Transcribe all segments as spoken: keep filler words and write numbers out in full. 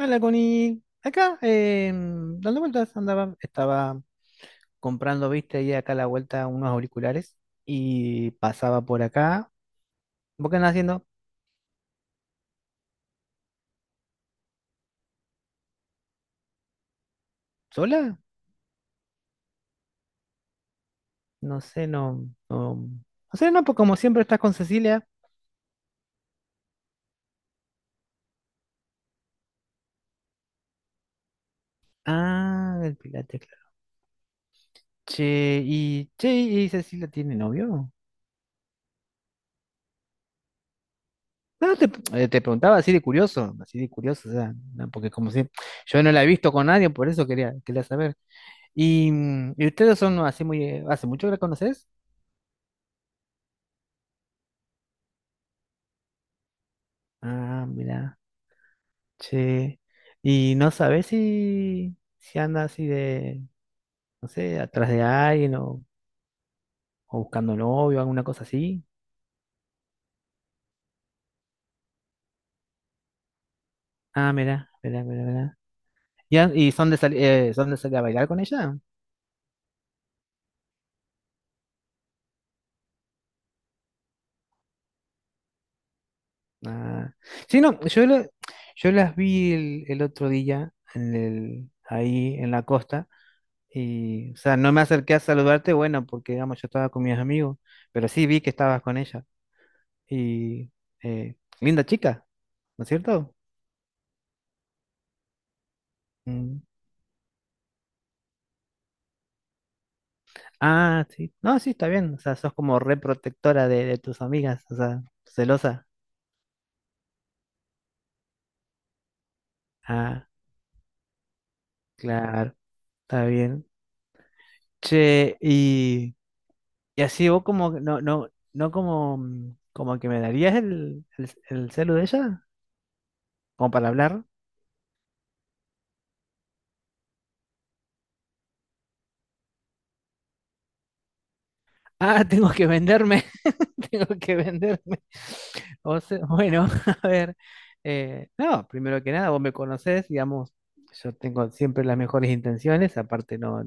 Hola, Connie. Acá, eh, dando vueltas, andaba, estaba comprando, viste, ahí acá a la vuelta unos auriculares y pasaba por acá. ¿Vos qué andás haciendo? ¿Sola? No sé, no, no, no sé, no, pues como siempre estás con Cecilia. Ah, el Pilates, claro. Che, y, che, ¿y Cecilia tiene novio? No, te, eh, te preguntaba así de curioso, así de curioso, o sea, no, porque como si yo no la he visto con nadie, por eso quería, quería saber. ¿Y, mm, ¿y ustedes son así muy, eh, hace mucho que la conoces? Ah, mira, che. ¿Y no sabes si, si anda así de, no sé, atrás de alguien o, o buscando novio, alguna cosa así? Ah, mira, mira, mira, mira. ¿Y, an- y son de salir, eh, son de salir a bailar con ella? Ah. Sí, no, yo, la- yo las vi el, el otro día en el, ahí en la costa y, o sea, no me acerqué a saludarte, bueno, porque, digamos, yo estaba con mis amigos, pero sí vi que estabas con ella y, eh, linda chica, ¿no es cierto? Mm. Ah, sí. No, sí, está bien. O sea, sos como re protectora de, de tus amigas, o sea, celosa. Ah, claro, está bien. Che, y, y así vos como, que no, no, no como, mm, como que me darías el, el, el celu de ella, como para hablar. Ah, tengo que venderme, tengo que venderme. O sea, bueno, a ver, eh, no, primero que nada, vos me conocés, digamos, yo tengo siempre las mejores intenciones, aparte no,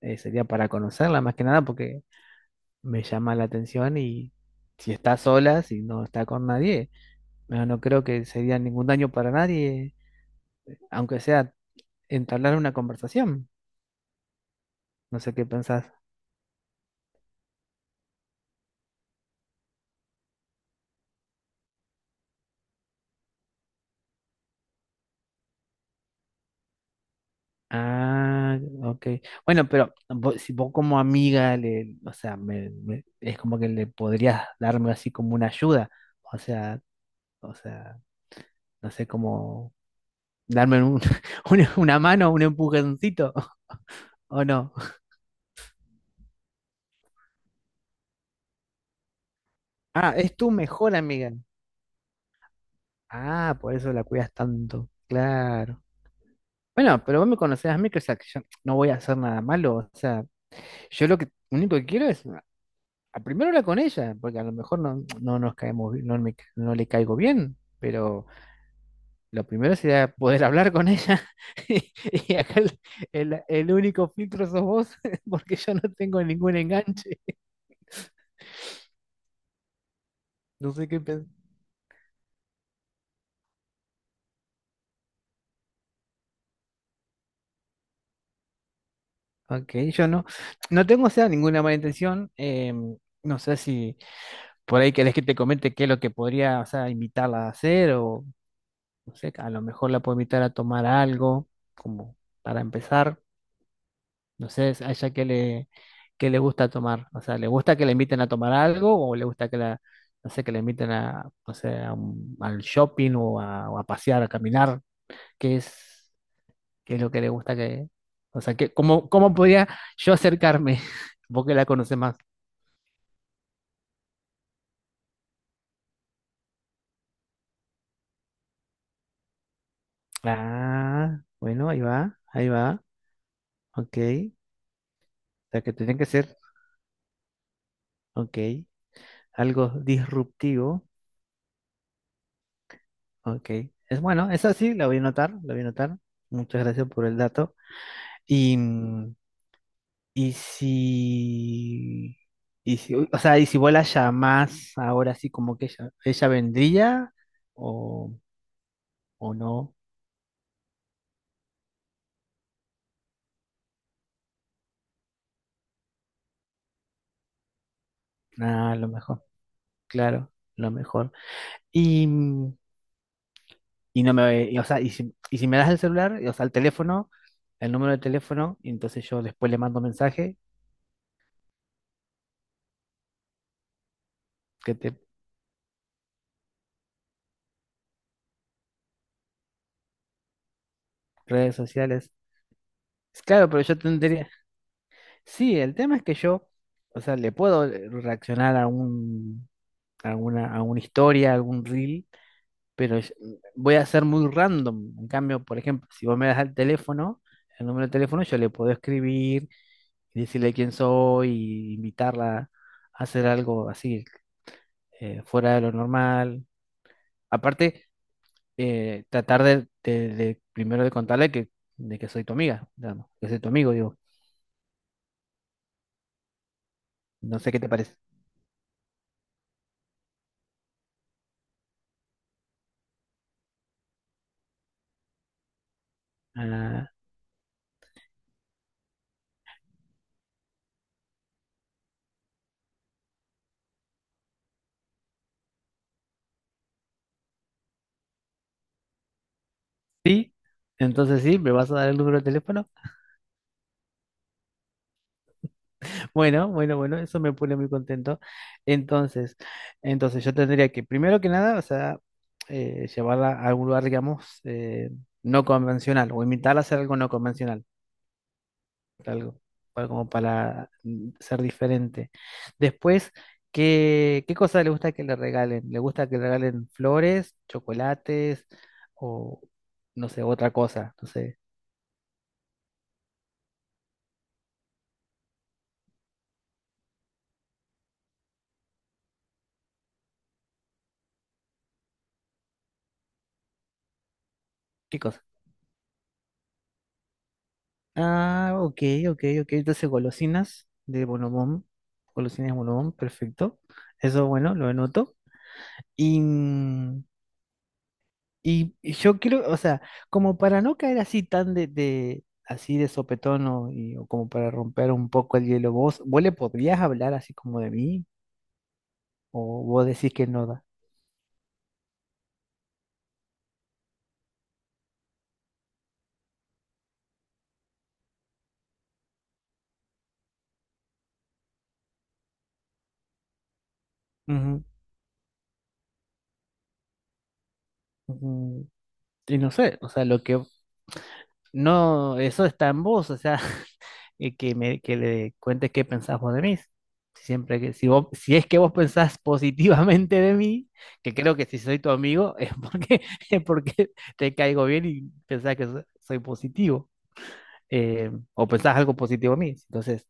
eh, sería para conocerla más que nada porque me llama la atención y si está sola, si no está con nadie, no, no creo que sería ningún daño para nadie, aunque sea entablar una conversación. No sé qué pensás. Ah, ok. Bueno, pero vos- si vos como amiga, le, o sea, me- me- es como que le podrías darme así como una ayuda. O sea, o sea, no sé cómo darme un- una una mano, un empujoncito, ¿o no? Ah, es tu mejor amiga. Ah, por eso la cuidas tanto. Claro. Bueno, pero vos me conocés a mí, que, o sea, que yo no voy a hacer nada malo. O sea, yo lo que único que quiero es a primero hablar con ella, porque a lo mejor no, no nos caemos, bi- no, me ca- no le caigo bien, pero lo primero sería poder hablar con ella. Y y acá el, el- el único filtro sos vos, porque yo no tengo ningún enganche. No sé qué pensar. Ok, yo no, no tengo, o sea, ninguna mala intención. Em, no sé si. Por ahí querés que te comente qué es lo que podría, o sea, invitarla a hacer o, no sé, a lo mejor la puedo invitar a tomar algo, como para empezar. No sé, a ella qué le, qué le gusta tomar. O sea, ¿le gusta que la inviten a tomar algo o le gusta que la, no sé, que la inviten a, no sé, a un- al shopping o a, o a pasear, a caminar? ¿Qué es, qué es lo que le gusta que, o sea, que, cómo, cómo podría yo acercarme? Vos que la conoces más. Ah, bueno, ahí va, ahí va, ok. Sea, que tiene que ser, ok, algo disruptivo, ok. Es bueno, esa sí, la voy a notar, la voy a notar. Muchas gracias por el dato. Y, mm, y si, y si, o sea, y si vuela ya más, ahora sí, como que ella, ella vendría o, o no, nada, lo mejor, claro, lo mejor. Y, mm, y no me, y, o sea, y si, y si me das el celular, y, o sea, el teléfono, el número de teléfono, y entonces yo después le mando mensaje que te redes sociales. Es claro, pero yo tendría. Sí, el tema es que yo, o sea, le puedo eh, reaccionar a un, a alguna, a una historia, a algún reel, pero yo- voy a ser muy random. En cambio, por ejemplo, si vos me das el teléfono, el número de teléfono, yo le puedo escribir y decirle quién soy, y invitarla a hacer algo así, eh, fuera de lo normal. Aparte, eh, tratar de, de- de primero de contarle que, de que soy tu amiga, digamos, que soy tu amigo, digo. No sé qué te parece. Ah, sí, entonces sí, me vas a dar el número de teléfono. Bueno, bueno, bueno, eso me pone muy contento. Entonces, entonces yo tendría que, primero que nada, o sea, eh, llevarla a algún lugar, digamos, eh, no convencional, o invitarla a hacer algo no convencional, algo, para- como para mm, ser diferente. Después, ¿qué, qué cosa le gusta que le regalen? ¿Le gusta que le regalen flores, chocolates o, no sé, otra cosa? No sé, ¿qué cosa? Ah, ok, ok, ok. Entonces, golosinas de Bonobón. Golosinas de Bonobón, perfecto. Eso, bueno, lo anoto. Y, mm, y y yo quiero, o sea, como para no caer así tan de, de- así de sopetón o, y- o como para romper un poco el hielo, vos, vos le podrías hablar así como de mí o vos decís que no da. Ujú, ujú. Y no sé, o sea, lo que no, eso está en vos, o sea, y que, me, que le cuentes qué pensás vos de mí. Si siempre que, si vos, si es que vos pensás positivamente de mí, que creo que si soy tu amigo es porque, es porque te caigo bien y pensás que so- soy positivo, eh, o pensás algo positivo de mí. Entonces,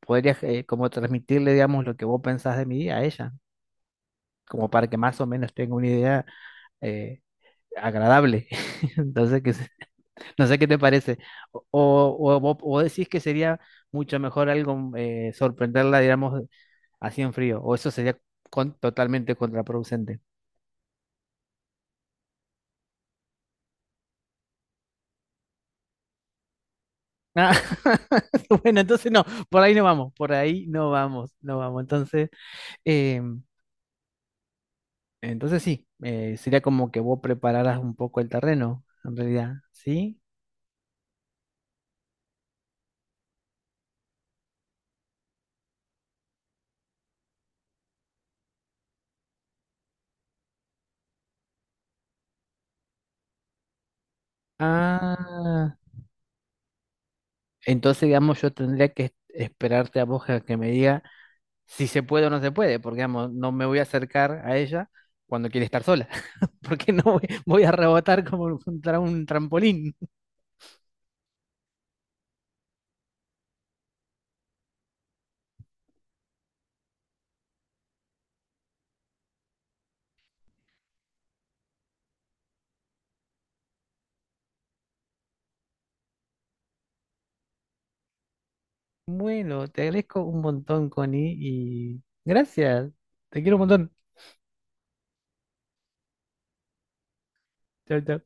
podrías eh, como transmitirle, digamos, lo que vos pensás de mí a ella, como para que más o menos tenga una idea eh, agradable. Entonces, que, no sé qué te parece. O, o, o- o decís que sería mucho mejor algo eh, sorprenderla, digamos, así en frío. O eso sería con- totalmente contraproducente. Ah, bueno, entonces no, por ahí no vamos, por ahí no vamos, no vamos. Entonces, eh, entonces sí, eh, sería como que vos prepararas un poco el terreno, en realidad, ¿sí? Ah, entonces, digamos, yo tendría que esperarte a vos a que me diga si se puede o no se puede, porque digamos, no me voy a acercar a ella cuando quiere estar sola, porque no voy, voy a rebotar como contra un trampolín. Bueno, te agradezco un montón, Connie, y gracias. Te quiero un montón. Chao, chao.